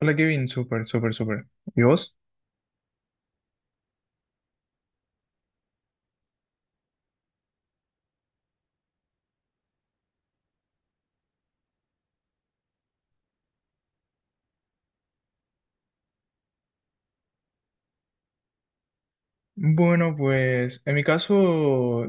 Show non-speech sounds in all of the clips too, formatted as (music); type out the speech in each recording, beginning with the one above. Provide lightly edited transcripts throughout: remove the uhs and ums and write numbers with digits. Hola Kevin, súper, súper, súper. ¿Y vos? Bueno, pues en mi caso,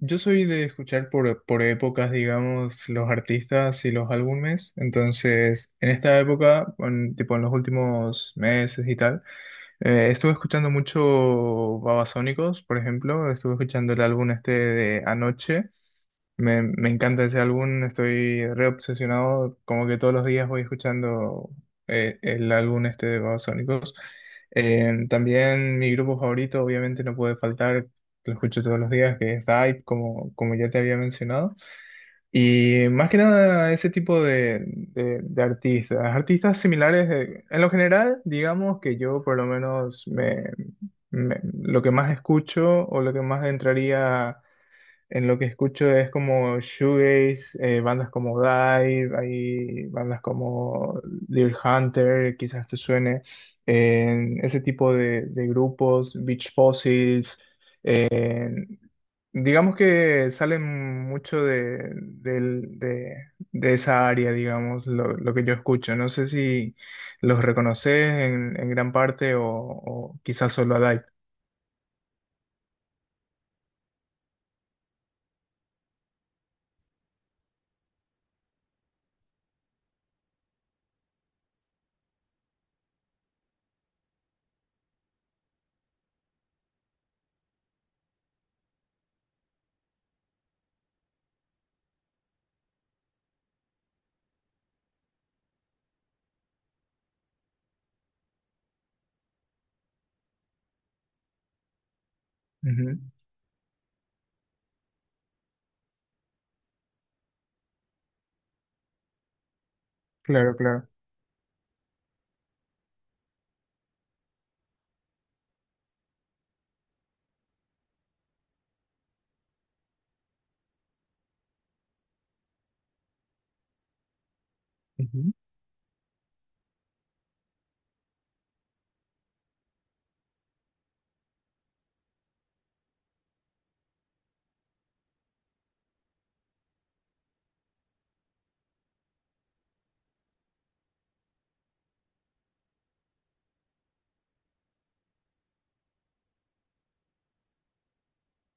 yo soy de escuchar por épocas, digamos, los artistas y los álbumes. Entonces, en esta época, tipo en los últimos meses y tal, estuve escuchando mucho Babasónicos, por ejemplo. Estuve escuchando el álbum este de Anoche. Me encanta ese álbum, estoy reobsesionado, como que todos los días voy escuchando el álbum este de Babasónicos. También mi grupo favorito, obviamente no puede faltar, lo escucho todos los días, que es Dive, como ya te había mencionado. Y más que nada ese tipo de artistas, artistas similares, en lo general, digamos que yo por lo menos lo que más escucho o lo que más entraría en lo que escucho es como shoegaze, bandas como Dive, hay bandas como Deer Hunter, quizás te suene, en ese tipo de grupos, Beach Fossils, digamos que salen mucho de esa área, digamos, lo que yo escucho. No sé si los reconoces en gran parte o quizás solo a Dive. Ujú. Claro, claro.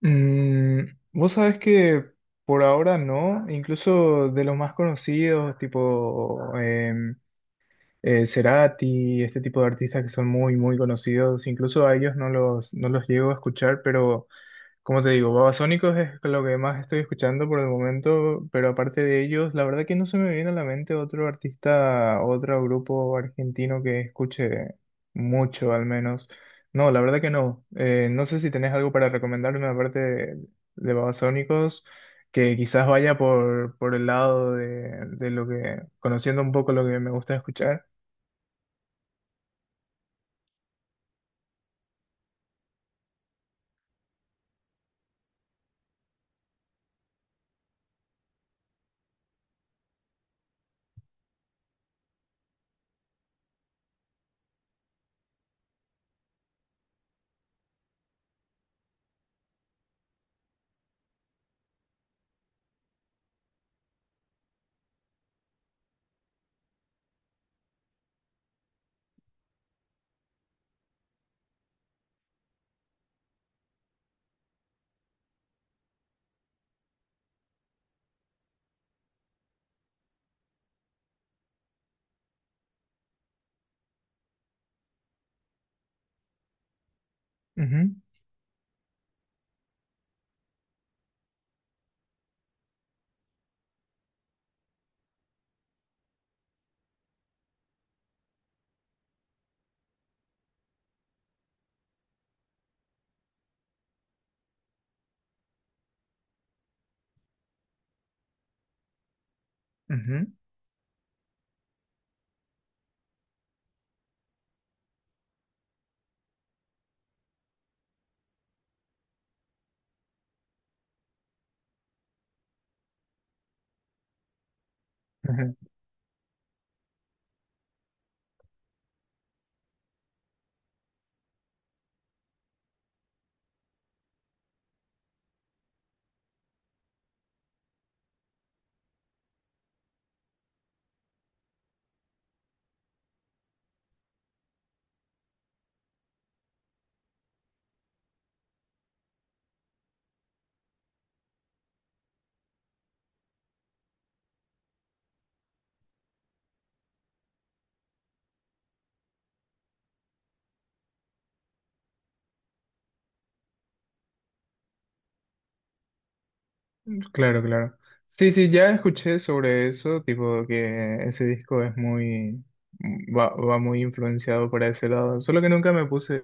Mm, vos sabés que por ahora no, incluso de los más conocidos, tipo Cerati, este tipo de artistas que son muy, muy conocidos, incluso a ellos no los llego a escuchar, pero como te digo, Babasónicos es lo que más estoy escuchando por el momento, pero aparte de ellos, la verdad que no se me viene a la mente otro artista, otro grupo argentino que escuche mucho al menos. No, la verdad que no. No sé si tenés algo para recomendarme aparte de Babasónicos, que quizás vaya por el lado de lo que, conociendo un poco lo que me gusta escuchar. Ujú, ujú, ujú. Claro, claro. Sí, sí, ya escuché sobre eso, tipo que ese disco es muy, mm, va muy influenciado por ese lado. Solo que nunca me puse,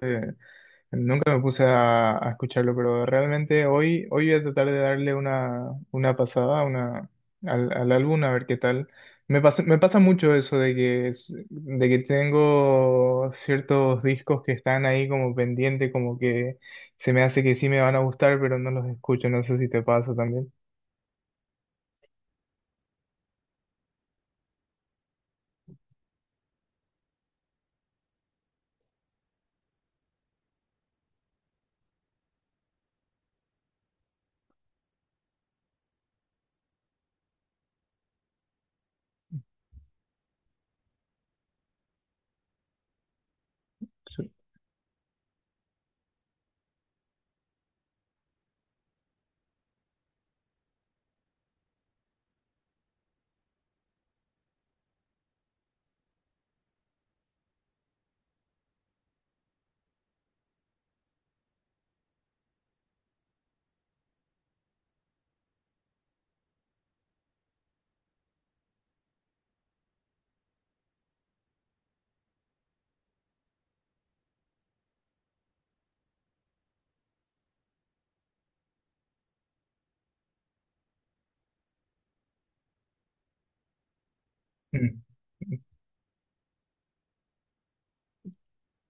nunca me puse a escucharlo, pero realmente hoy, hoy voy a tratar de darle una pasada, una, al álbum a ver qué tal. Me pasa mucho eso de de que tengo ciertos discos que están ahí como pendiente, como que se me hace que sí me van a gustar, pero no los escucho. No sé si te pasa también. (laughs) Mm.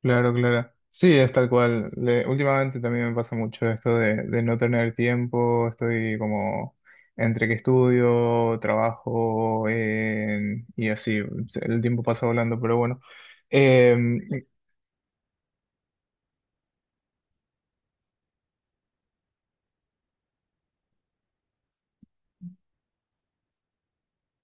Claro, claro. Sí, es tal cual. Últimamente también me pasa mucho esto de no tener tiempo. Estoy como entre que estudio, trabajo, y así. El tiempo pasa volando, pero bueno. Eh,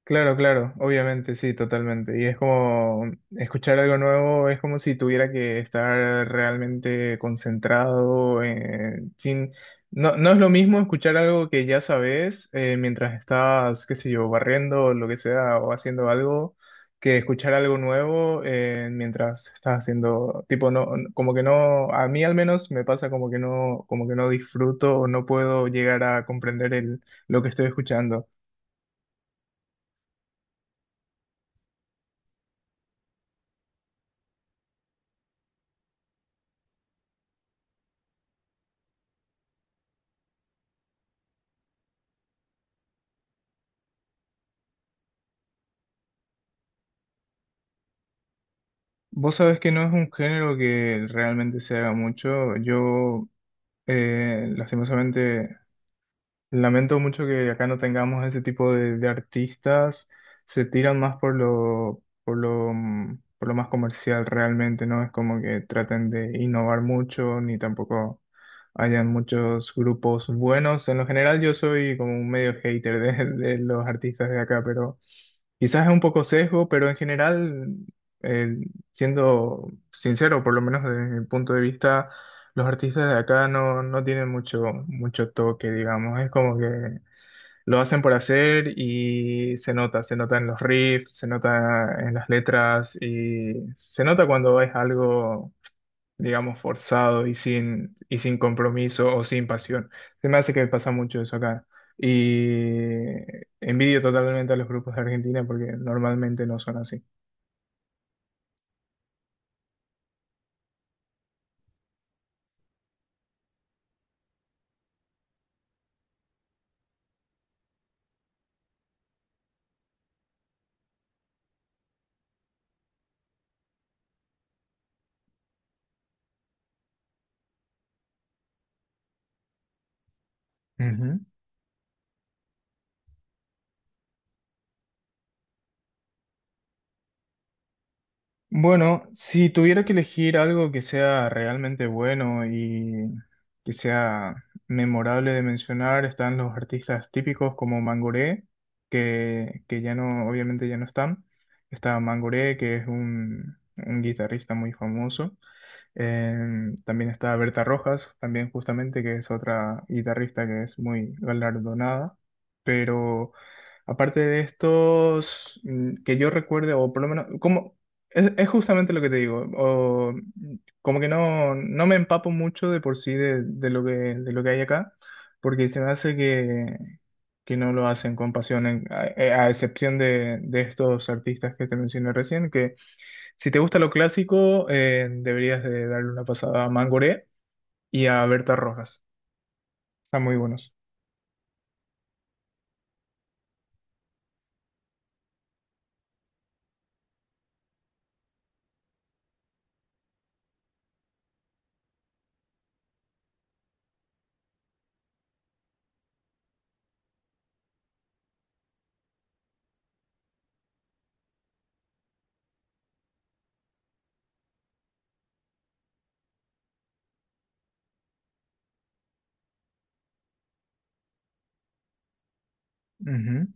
claro, claro, obviamente, sí, totalmente. Y es como escuchar algo nuevo, es como si tuviera que estar realmente concentrado, sin... No, no es lo mismo escuchar algo que ya sabes, mientras estás, qué sé yo, barriendo o lo que sea, o haciendo algo, que escuchar algo nuevo, mientras estás haciendo, tipo, no, como que no, a mí al menos me pasa como que no disfruto o no puedo llegar a comprender lo que estoy escuchando. Vos sabés que no es un género que realmente se haga mucho. Yo, lastimosamente, lamento mucho que acá no tengamos ese tipo de artistas. Se tiran más por por lo más comercial realmente, ¿no? Es como que traten de innovar mucho, ni tampoco hayan muchos grupos buenos. En lo general, yo soy como un medio hater de los artistas de acá, pero... Quizás es un poco sesgo, pero en general, eh, siendo sincero, por lo menos desde mi punto de vista, los artistas de acá no, no tienen mucho, mucho toque, digamos. Es como que lo hacen por hacer y se nota en los riffs, se nota en las letras y se nota cuando es algo digamos, forzado y sin compromiso o sin pasión. Se me hace que pasa mucho eso acá. Y envidio totalmente a los grupos de Argentina porque normalmente no son así. Ujú. Bueno, si tuviera que elegir algo que sea realmente bueno y que sea memorable de mencionar, están los artistas típicos como Mangoré, que ya no, obviamente ya no están. Está Mangoré, que es un guitarrista muy famoso. Eh, también está Berta Rojas, también justamente, que es otra guitarrista que es muy galardonada. Pero aparte de estos, mm, que yo recuerde, o por lo menos, como, es justamente lo que te digo, o, mm, como que no, no me empapo mucho de por sí de lo que hay acá, porque se me hace que no lo hacen con pasión, a excepción de estos artistas que te mencioné recién, que si te gusta lo clásico, deberías de darle una pasada a Mangoré y a Berta Rojas. Están muy buenos. Ujú.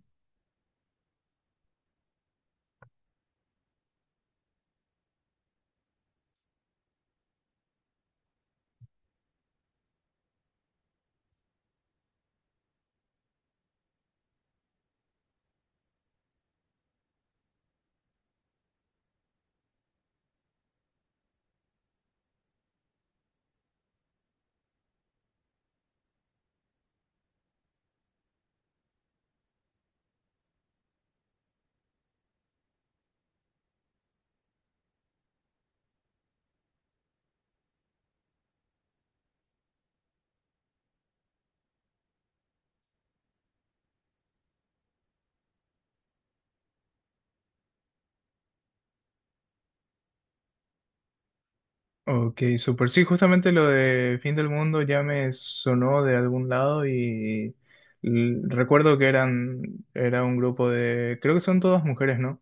Ok, super. Sí, justamente lo de Fin del Mundo ya me sonó de algún lado y recuerdo que eran, era un grupo de, creo que son todas mujeres, ¿no?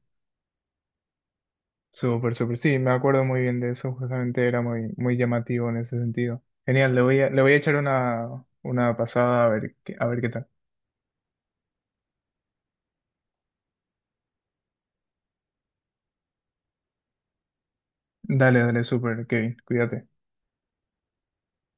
Super, super. Sí, me acuerdo muy bien de eso. Justamente era muy, muy llamativo en ese sentido. Genial, le voy a echar una pasada a ver, a ver qué tal. Dale, dale, super, Kevin. Cuídate.